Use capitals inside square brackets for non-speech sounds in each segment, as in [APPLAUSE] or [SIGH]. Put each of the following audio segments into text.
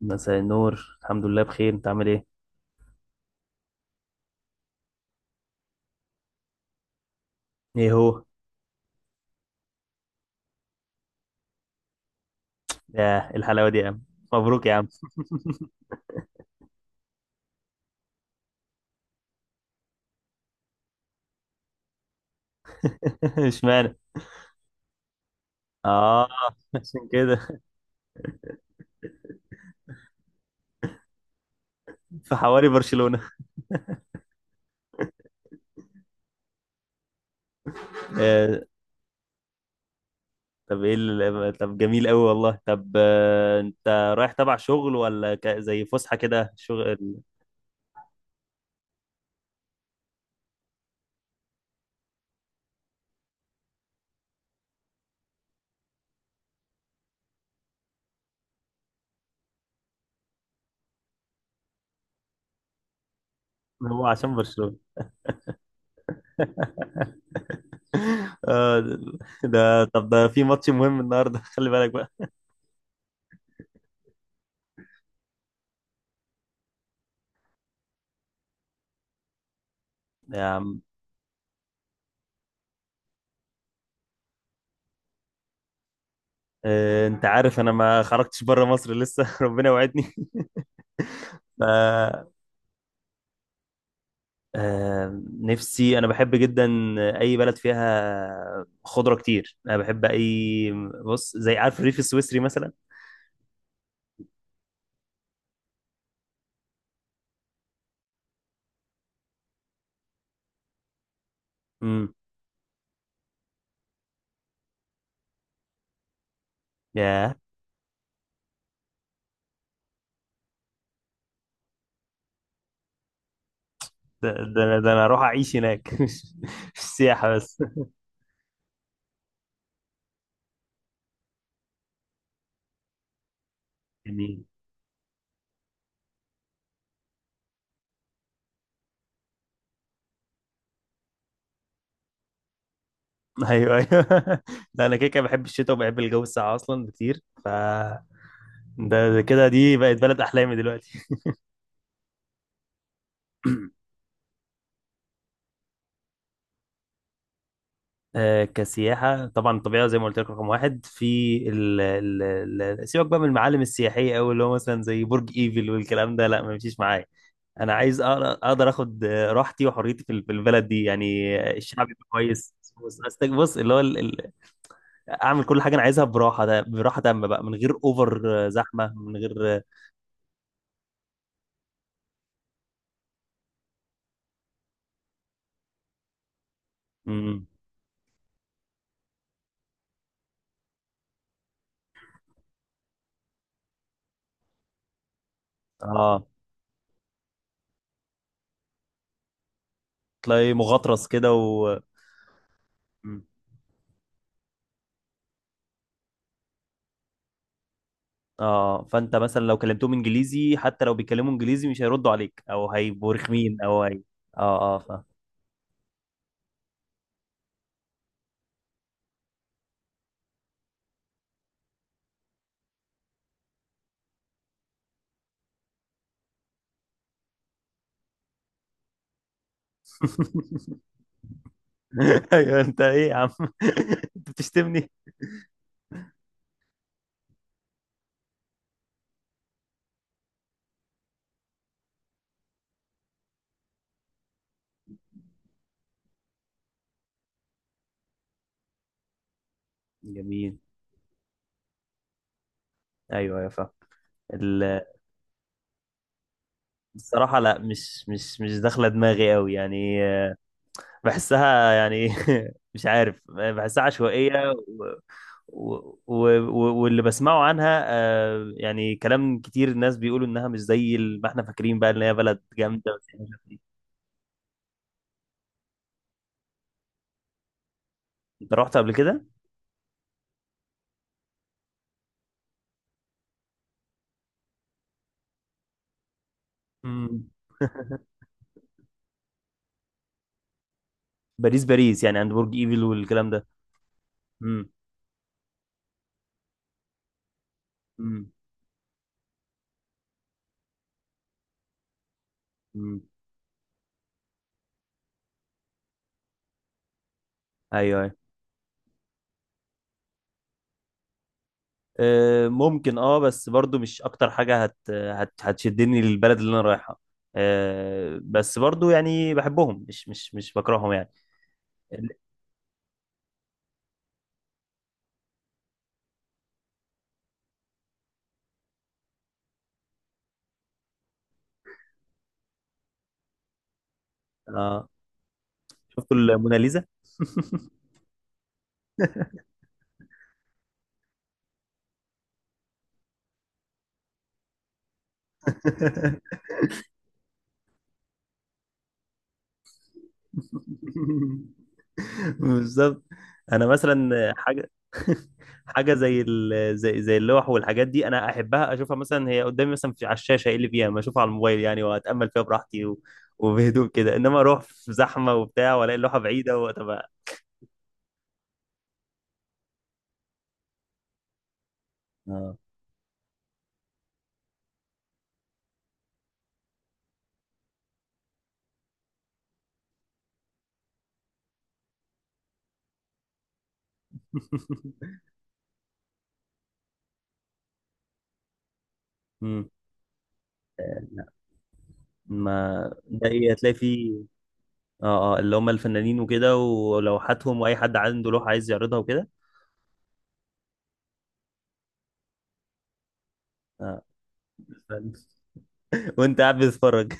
مساء النور، الحمد لله بخير. انت عامل ايه؟ ايه هو؟ يا الحلاوه دي يا عم. مبروك يا عم. [LAUGHS] اشمعنى؟ اه، عشان كده، في حواري برشلونه. آه. طب ايه ال... طب جميل قوي والله. طب انت رايح تبع شغل ولا ك... زي فسحه كده شغل؟ هو عشان برشلونه. [LAUGHS] آه. ده طب ده في ماتش مهم النهارده. [LAUGHS] خلي بالك بقى يا عم. انت عارف انا ما خرجتش بره مصر لسه. [LAUGHS] ربنا وعدني. نفسي، انا بحب جدا اي بلد فيها خضره كتير. انا بحب اي، بص، زي، عارف الريف السويسري مثلا. امم، يا ده انا اروح اعيش هناك. [LAUGHS] مش مش سياحه بس. جميل، ايوه ايوه. [LAUGHS] لا انا كده كده بحب الشتاء وبحب الجو الساقع اصلا بكتير، ف ده كده دي بقت بلد احلامي دلوقتي. كسياحة، طبعا الطبيعة زي ما قلت لك رقم واحد، في ال ال ال سيبك بقى من المعالم السياحية أوي اللي هو مثلا زي برج إيفل والكلام ده، لا ما يمشيش معايا. أنا عايز أقدر، أقدر آخد راحتي وحريتي في ال- في البلد دي، يعني الشعب يبقى كويس. بص أستك- بص، اللي هو ال- ال- أعمل كل حاجة أنا عايزها براحة. ده براحة تامة بقى، من غير أوفر زحمة، من غير مم. آه، تلاقي مغطرس كده و مم. اه، فانت مثلا لو كلمتهم انجليزي، حتى لو بيتكلموا انجليزي مش هيردوا عليك او هيبقوا رخمين او هي... اه اه، فاهم. [LAUGHS] ايوه، انت ايه يا عم؟ [LAUGHS] انت بتشتمني؟ جميل، ايوه ايوه فاهم. ال- الصراحه لا، مش داخله دماغي قوي يعني. بحسها يعني، [LAUGHS] مش عارف، بحسها عشوائيه واللي بسمعه عنها، يعني كلام كتير، الناس بيقولوا انها مش زي ما احنا فاكرين بقى، ان هي بلد جامده. انت رحت قبل كده؟ مم. باريس، باريس يعني عند برج ايفل والكلام ده؟ امم، امم، امم، ايوه ايوه. أه ممكن، اه، بس برضو مش اكتر حاجه هت هت هتشدني للبلد اللي انا رايحها. أه بس برضو يعني بحبهم، مش بكرههم يعني. ال- اه، شفتوا الموناليزا؟ [LAUGHS] [LAUGHS] بالظبط. انا مثلا حاجه، [LAUGHS] حاجه زي ال... زي اللوح والحاجات دي انا احبها اشوفها مثلا هي قدامي، مثلا في على الشاشه ايه اللي فيها، ما اشوفها على الموبايل يعني واتامل فيها براحتي، و... وبهدوء كده، انما اروح في زحمه وبتاع والاقي اللوحه بعيده وطب... اه. [LAUGHS] مم. لا، ما ده ايه هتلاقي فيه؟ اه اه، اللي هم الفنانين وكده ولوحاتهم، واي حد عنده لوحه عايز يعرضها وكده. اه. [LAUGHS] وانت قاعد بتتفرج.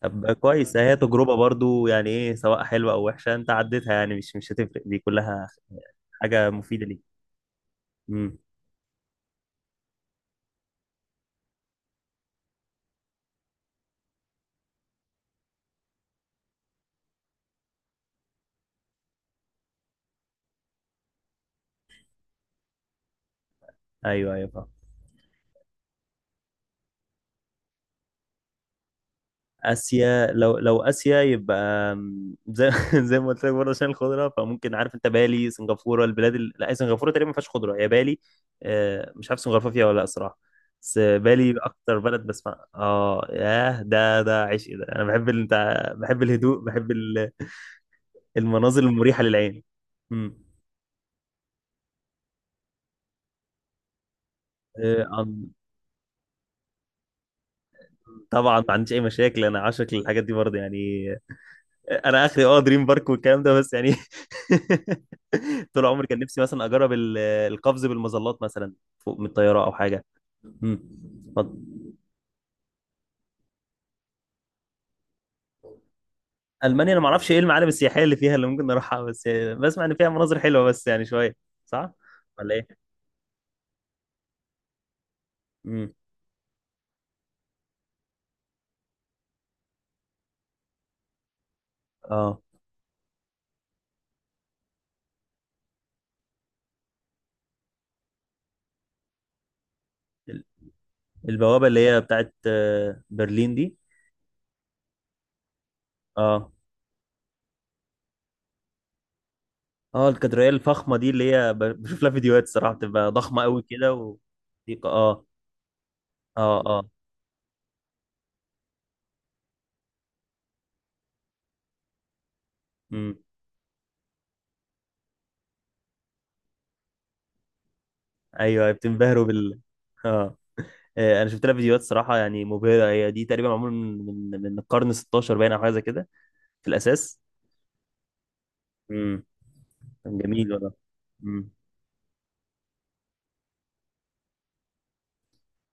طب كويس، هي تجربة برضو، يعني ايه، سواء حلوة او وحشة، انت عديتها، يعني مش مش هتفرق، دي كلها حاجة مفيدة ليك. امم. ايوه ايوه فاهم. اسيا، لو لو اسيا يبقى أم، زي، [LAUGHS] زي ما قلت لك برضه عشان الخضرة، فممكن، عارف انت، بالي، سنغافورة، البلاد ال... لا سنغافورة تقريبا ما فيهاش خضرة، هي بالي. مش عارف سنغافورة فيها ولا لا صراحة، بس بالي اكتر بلد بسمع، اه، ياه ده، ده عشق ده. انا بحب ال... بتاع- بحب الهدوء، بحب ال- المناظر المريحة للعين. امم، طبعا ما عنديش اي مشاكل، انا عاشق للحاجات دي برضه يعني. انا اخري اه دريم بارك والكلام ده، بس يعني [LAUGHS] طول عمري كان نفسي مثلا اجرب ال- القفز بالمظلات مثلا، فوق من الطياره او حاجه. امم. اتفضل. المانيا انا ما اعرفش ايه المعالم السياحيه اللي فيها اللي ممكن نروحها، بس بسمع ان فيها مناظر حلوه بس يعني شويه. صح، ولا ايه؟ امم. اه، ال- البوابه اللي هي بتاعت برلين دي. اه اه، الكاتدرائيه الفخمه دي اللي هي ب- بشوف لها فيديوهات الصراحه، بتبقى ضخمه قوي كده و... اه اه. اه. امم. ايوه، بتنبهروا بال... اه. انا شفت لها فيديوهات صراحه، يعني مبهره. هي دي تقريبا معمول من من القرن 16، باين، او حاجه زي كده في الاساس. امم. كان جميل والله. امم.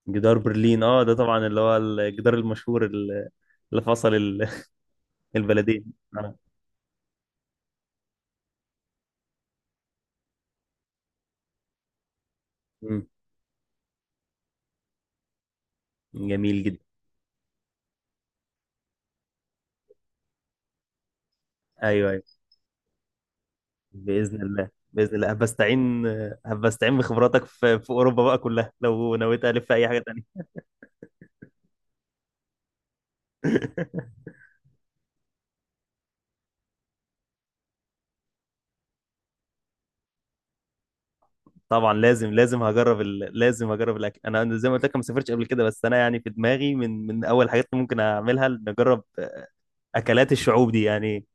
جدار برلين، اه، ده طبعا اللي هو الجدار المشهور ال- اللي فصل ال- [LAUGHS] البلدين، اه. امم. جميل جدا. ايوه ايوه، باذن الله، باذن الله هبستعين، هبستعين بخبراتك في في اوروبا بقى كلها لو نويت الف في اي حاجه تانيه. [LAUGHS] طبعا لازم، لازم هجرب ال... لازم هجرب الاكل. انا زي ما قلت لك ما سافرتش قبل كده، بس انا يعني في دماغي من اول حاجات اللي ممكن اعملها نجرب اكلات الشعوب دي يعني.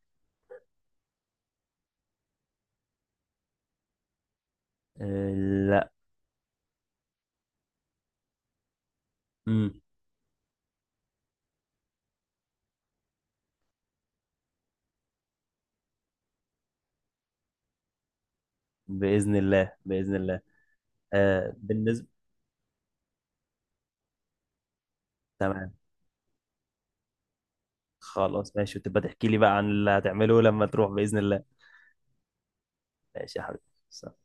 آه. لا. امم. باذن الله، باذن الله. آه بالنسبه... تمام. خلاص ماشي، وتبقى تحكي لي بقى عن اللي هتعمله لما تروح باذن الله. ماشي يا حبيبي.